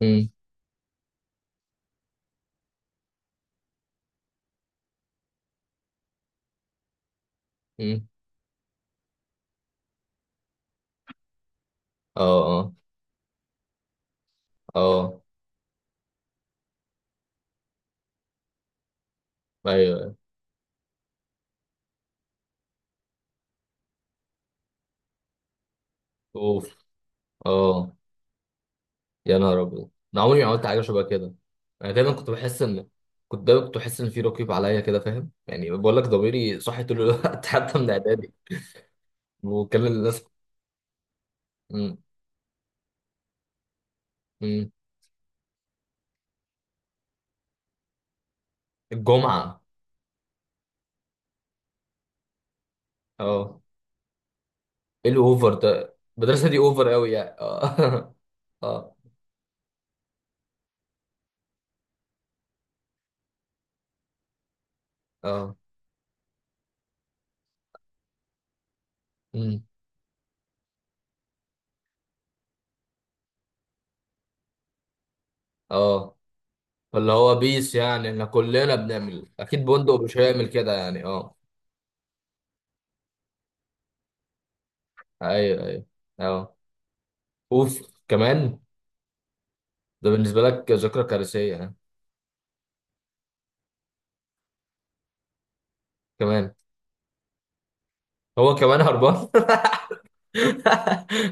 امم. امم. اه. اه. اه. ايوه، أيوة. اوف. اه. يا نهار ابيض، انا عمري ما عملت حاجه شبه كده. انا دايما كنت بحس ان كنت دايما بحس ان في رقيب عليا كده، فاهم؟ يعني بقول لك ضميري صاحي طول الوقت حتى من اعدادي. وكلم الناس. امم. امم. الجمعه. اه. ايه الاوفر ده؟ المدرسه دي اوفر قوي يعني، اه اه. اه. امم. اه. فاللي هو بيس، يعني احنا كلنا بنعمل اكيد بندق، مش هيعمل كده يعني، اه. ايوه، ايوه. اه. اوف كمان. ده بالنسبه لك ذكرى كارثيه، ها؟ كمان؟ هو كمان هربان؟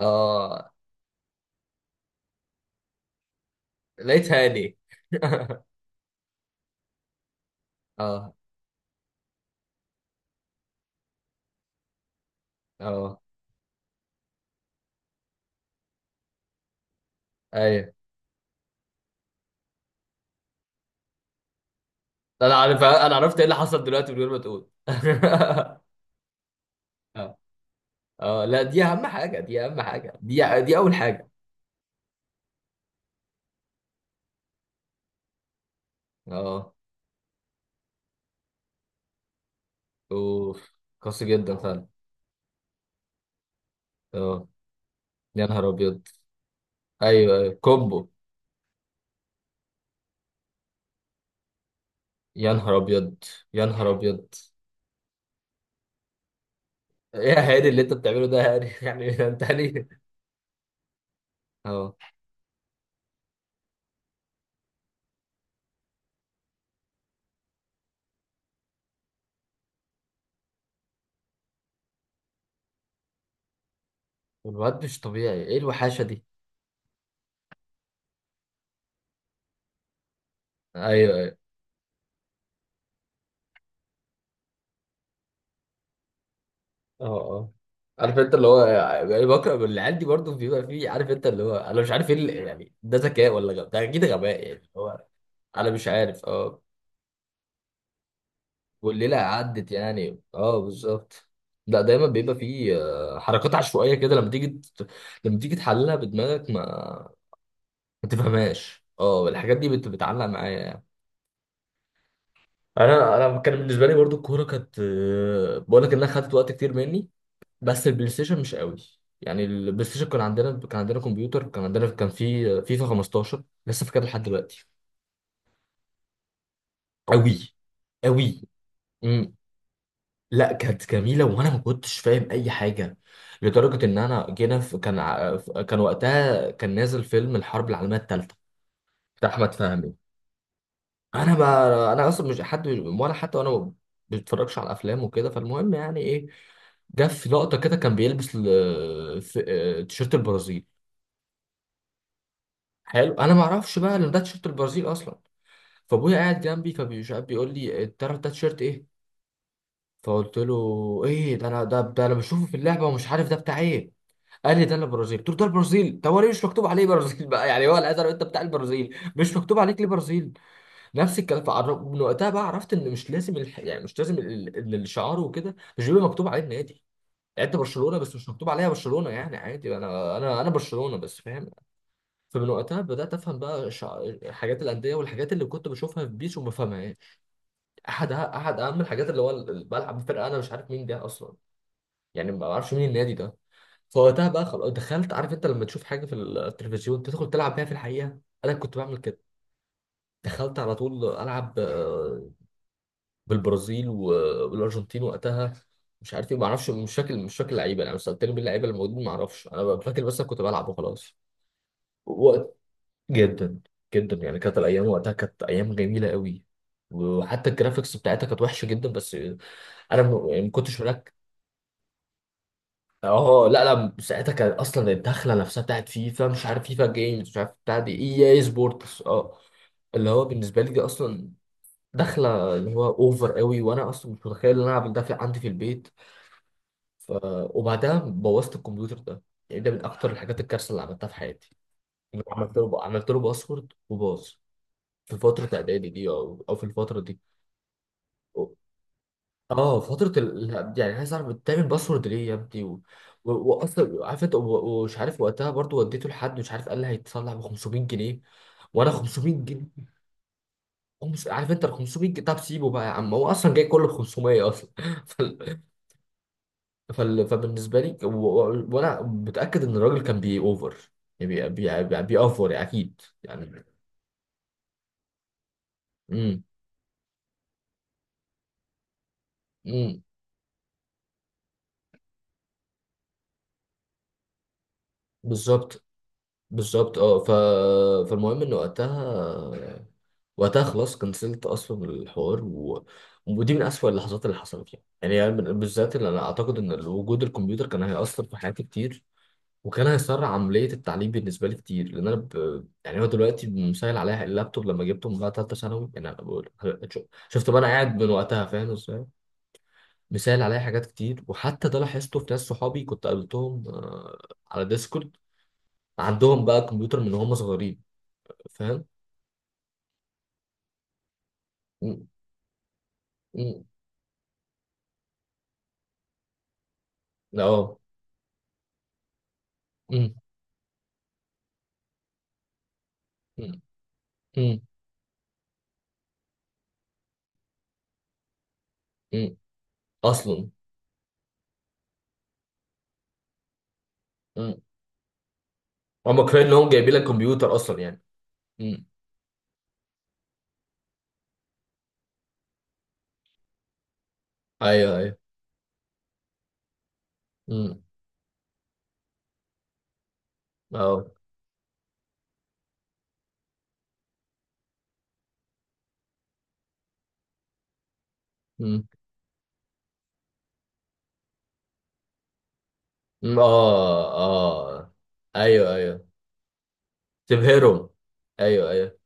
اه. لقيت هاني. اه. اه. ايوه. انا عرفت ايه اللي حصل دلوقتي من غير ما تقول اه. اه. لا، دي اهم حاجه، دي اهم حاجه، دي اول حاجه. اه. اوف. قاسي جدا فعلا. اه. يا نهار ابيض. ايوه، ايوه، كومبو. يا نهار ابيض. يا نهار ابيض. ايه يا هاني اللي انت بتعمله ده يا هاني؟ يعني انت هاني؟ اه. الواد مش طبيعي، ايه الوحاشه دي؟ ايوه، ايوه. اه. اه. عارف انت اللي هو، يعني بكره العيال دي برضه بيبقى فيه، عارف انت اللي هو، انا مش عارف ايه يعني ده ذكاء ولا غباء؟ ده اكيد غباء، يعني اللي هو انا مش عارف. اه. والليله عدت يعني، اه، بالظبط. لا، دايما بيبقى فيه حركات عشوائيه كده، لما تيجي لما تيجي تحللها بدماغك ما تفهمهاش. اه، الحاجات دي بتعلق معايا يعني. انا كان بالنسبه لي برضو الكوره كانت، بقول لك انها خدت وقت كتير مني. بس البلاي ستيشن مش قوي يعني. البلاي ستيشن كان عندنا كمبيوتر، كان في فيفا 15 لسه فاكرها لحد دلوقتي. قوي. قوي. امم. لا، كانت جميله وانا ما كنتش فاهم اي حاجه. لدرجه ان انا جينا في، كان وقتها نازل فيلم الحرب العالميه الثالثه بتاع احمد فهمي. انا اصلا مش حد، ولا حتى انا ما بتفرجش على افلام وكده. فالمهم يعني ايه، جه في لقطه كده كان بيلبس تيشيرت البرازيل. حلو. انا ما اعرفش بقى ان ده تيشيرت البرازيل اصلا. فابويا قاعد جنبي فبيشاب بيقول لي: تعرف ده تيشيرت ايه؟ فقلت له: ايه ده؟ انا ده، انا بشوفه في اللعبه ومش عارف ده بتاع ايه. قال لي: ده البرازيل. قلت له: ده البرازيل، طب هو ليه مش مكتوب عليه برازيل بقى يعني؟ هو الازرق انت بتاع البرازيل مش مكتوب عليك ليه برازيل؟ نفس الكلام. من وقتها بقى عرفت ان مش لازم يعني مش لازم الشعار وكده مش بيبقى مكتوب عليه النادي. يعني انت برشلونه بس مش مكتوب عليها برشلونه يعني، عادي. انا برشلونه بس، فاهم. فمن وقتها بدأت أفهم بقى حاجات الأندية والحاجات اللي كنت بشوفها في بيس وما فاهمهاش. أحد أهم الحاجات اللي هو بلعب في فرقة أنا مش عارف مين ده أصلا، يعني ما بعرفش مين النادي ده. فوقتها بقى خلاص دخلت. عارف أنت لما تشوف حاجة في التلفزيون تدخل تلعب بيها في الحقيقة؟ أنا كنت بعمل كده. دخلت على طول ألعب بالبرازيل والأرجنتين وقتها. مش عارف إيه، ما أعرفش. مش فاكر، مش فاكر اللعيبة يعني. لو سألتني مين اللعيبة الموجودين ما أعرفش، أنا فاكر بس أنا كنت بلعب وخلاص. جدا. جدا يعني. كانت الايام وقتها كانت ايام جميله قوي. وحتى الجرافيكس بتاعتها كانت وحشه جدا بس يعني ما كنتش هناك. اه. لا، لا، ساعتها كان اصلا الدخله نفسها بتاعت فيفا، مش عارف فيفا جيمز مش عارف بتاع دي اي اي سبورتس، اه. اللي هو بالنسبه لي دي اصلا دخله اللي هو اوفر قوي، وانا اصلا مش متخيل ان انا اعمل ده في عندي في البيت. ف... وبعدها بوظت الكمبيوتر ده. يعني ده من اكتر الحاجات الكارثه اللي عملتها في حياتي. عملت له باسورد وباظ، في فترة إعدادي دي أو في الفترة دي. اه، فترة لا، يعني عايز أعرف بتعمل باسورد ليه يا ابني؟ و... و... وأصلا عارف أنت، و- ومش عارف وقتها برضو وديته لحد مش عارف قال لي هيتصلح ب 500 جنيه. وأنا 500 جنيه؟ عارف أنت ال 500 جنيه؟ طب سيبه بقى يا عم، هو أصلا جاي كله ب 500 أصلا فال... فبالنسبة لي و... و... وأنا متأكد إن الراجل كان بي أوفر، يعني بيأفور يعني، أكيد يعني. امم. امم. بالظبط. بالظبط. اه، ف... فالمهم ان وقتها خلاص كنسلت اصلا الحوار، و... ودي من اسوأ اللحظات اللي حصلت يعني أنا بالذات اللي انا اعتقد ان وجود الكمبيوتر كان هيأثر في حياتي كتير. وكان هيسرع عملية التعليم بالنسبة لي كتير، لان انا ب... يعني هو دلوقتي مسهل عليا اللابتوب لما جبته من بعد ثالثة ثانوي. يعني انا بقول، شفت بقى انا قاعد من وقتها فاهم ازاي مسهل عليا حاجات كتير. وحتى ده لاحظته في ناس صحابي كنت قابلتهم على ديسكورد، عندهم بقى كمبيوتر من هم صغيرين، فاهم. مم. مم. اه. مم. مم. مم. مم. اصلا. مم. هم كفايه ان هم جايبين لك كمبيوتر اصلا يعني. مم. ايوه، ايوه. مم. اه. مم. مم. اه. اه. ايوه، ايوه. تبهرهم. ايوه، ايوه.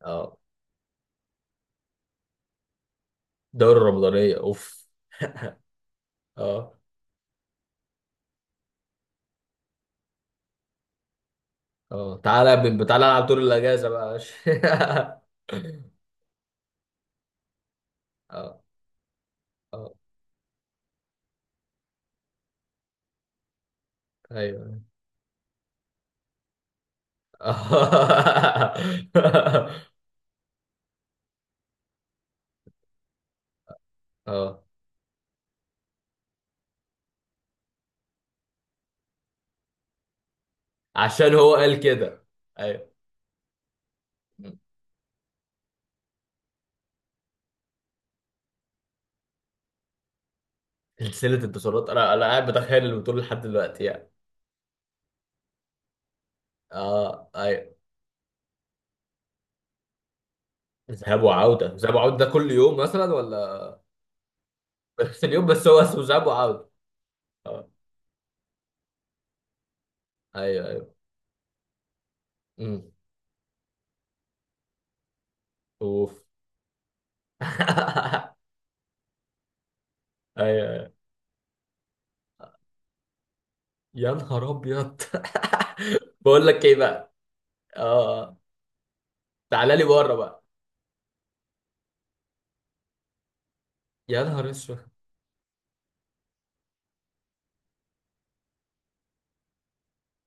اه. دوري رمضانيه، اوف. اه. اه. تعالى يا ابني، تعالى العب طول الاجازه بقى يا باشا. اه. اه. ايوه. اه. آه. عشان هو قال كده. ايوه. سلسلة انتصارات. انا قاعد بتخيل البطولة لحد دلوقتي يعني. اه. ايوه. ذهاب وعودة؟ ذهاب وعودة ده كل يوم مثلا ولا؟ بس اليوم بس هو اسمه ذهاب وعودة. اه. ايوه، ايوه. امم. اوف. ايوه، ايوه. يا نهار ابيض. بقول لك ايه بقى. اه. آه. تعالى لي بره بقى. يا نهار اسود.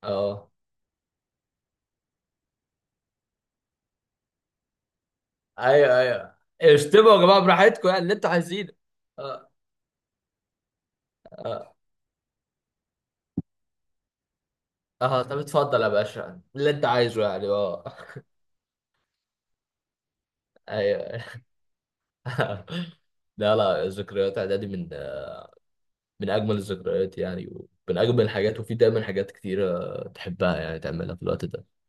اه. ايوه، ايوه. اشتموا يا جماعة براحتكم يعني، اللي انتوا عايزينه. اه. اه. اه. طب اتفضل يا باشا اللي انت عايزه يعني، اه. ايوه. لا، لا، ذكريات اعدادي من اجمل الذكريات يعني، ومن اجمل الحاجات. وفي دايما حاجات كتيره تحبها يعني تعملها في الوقت ده.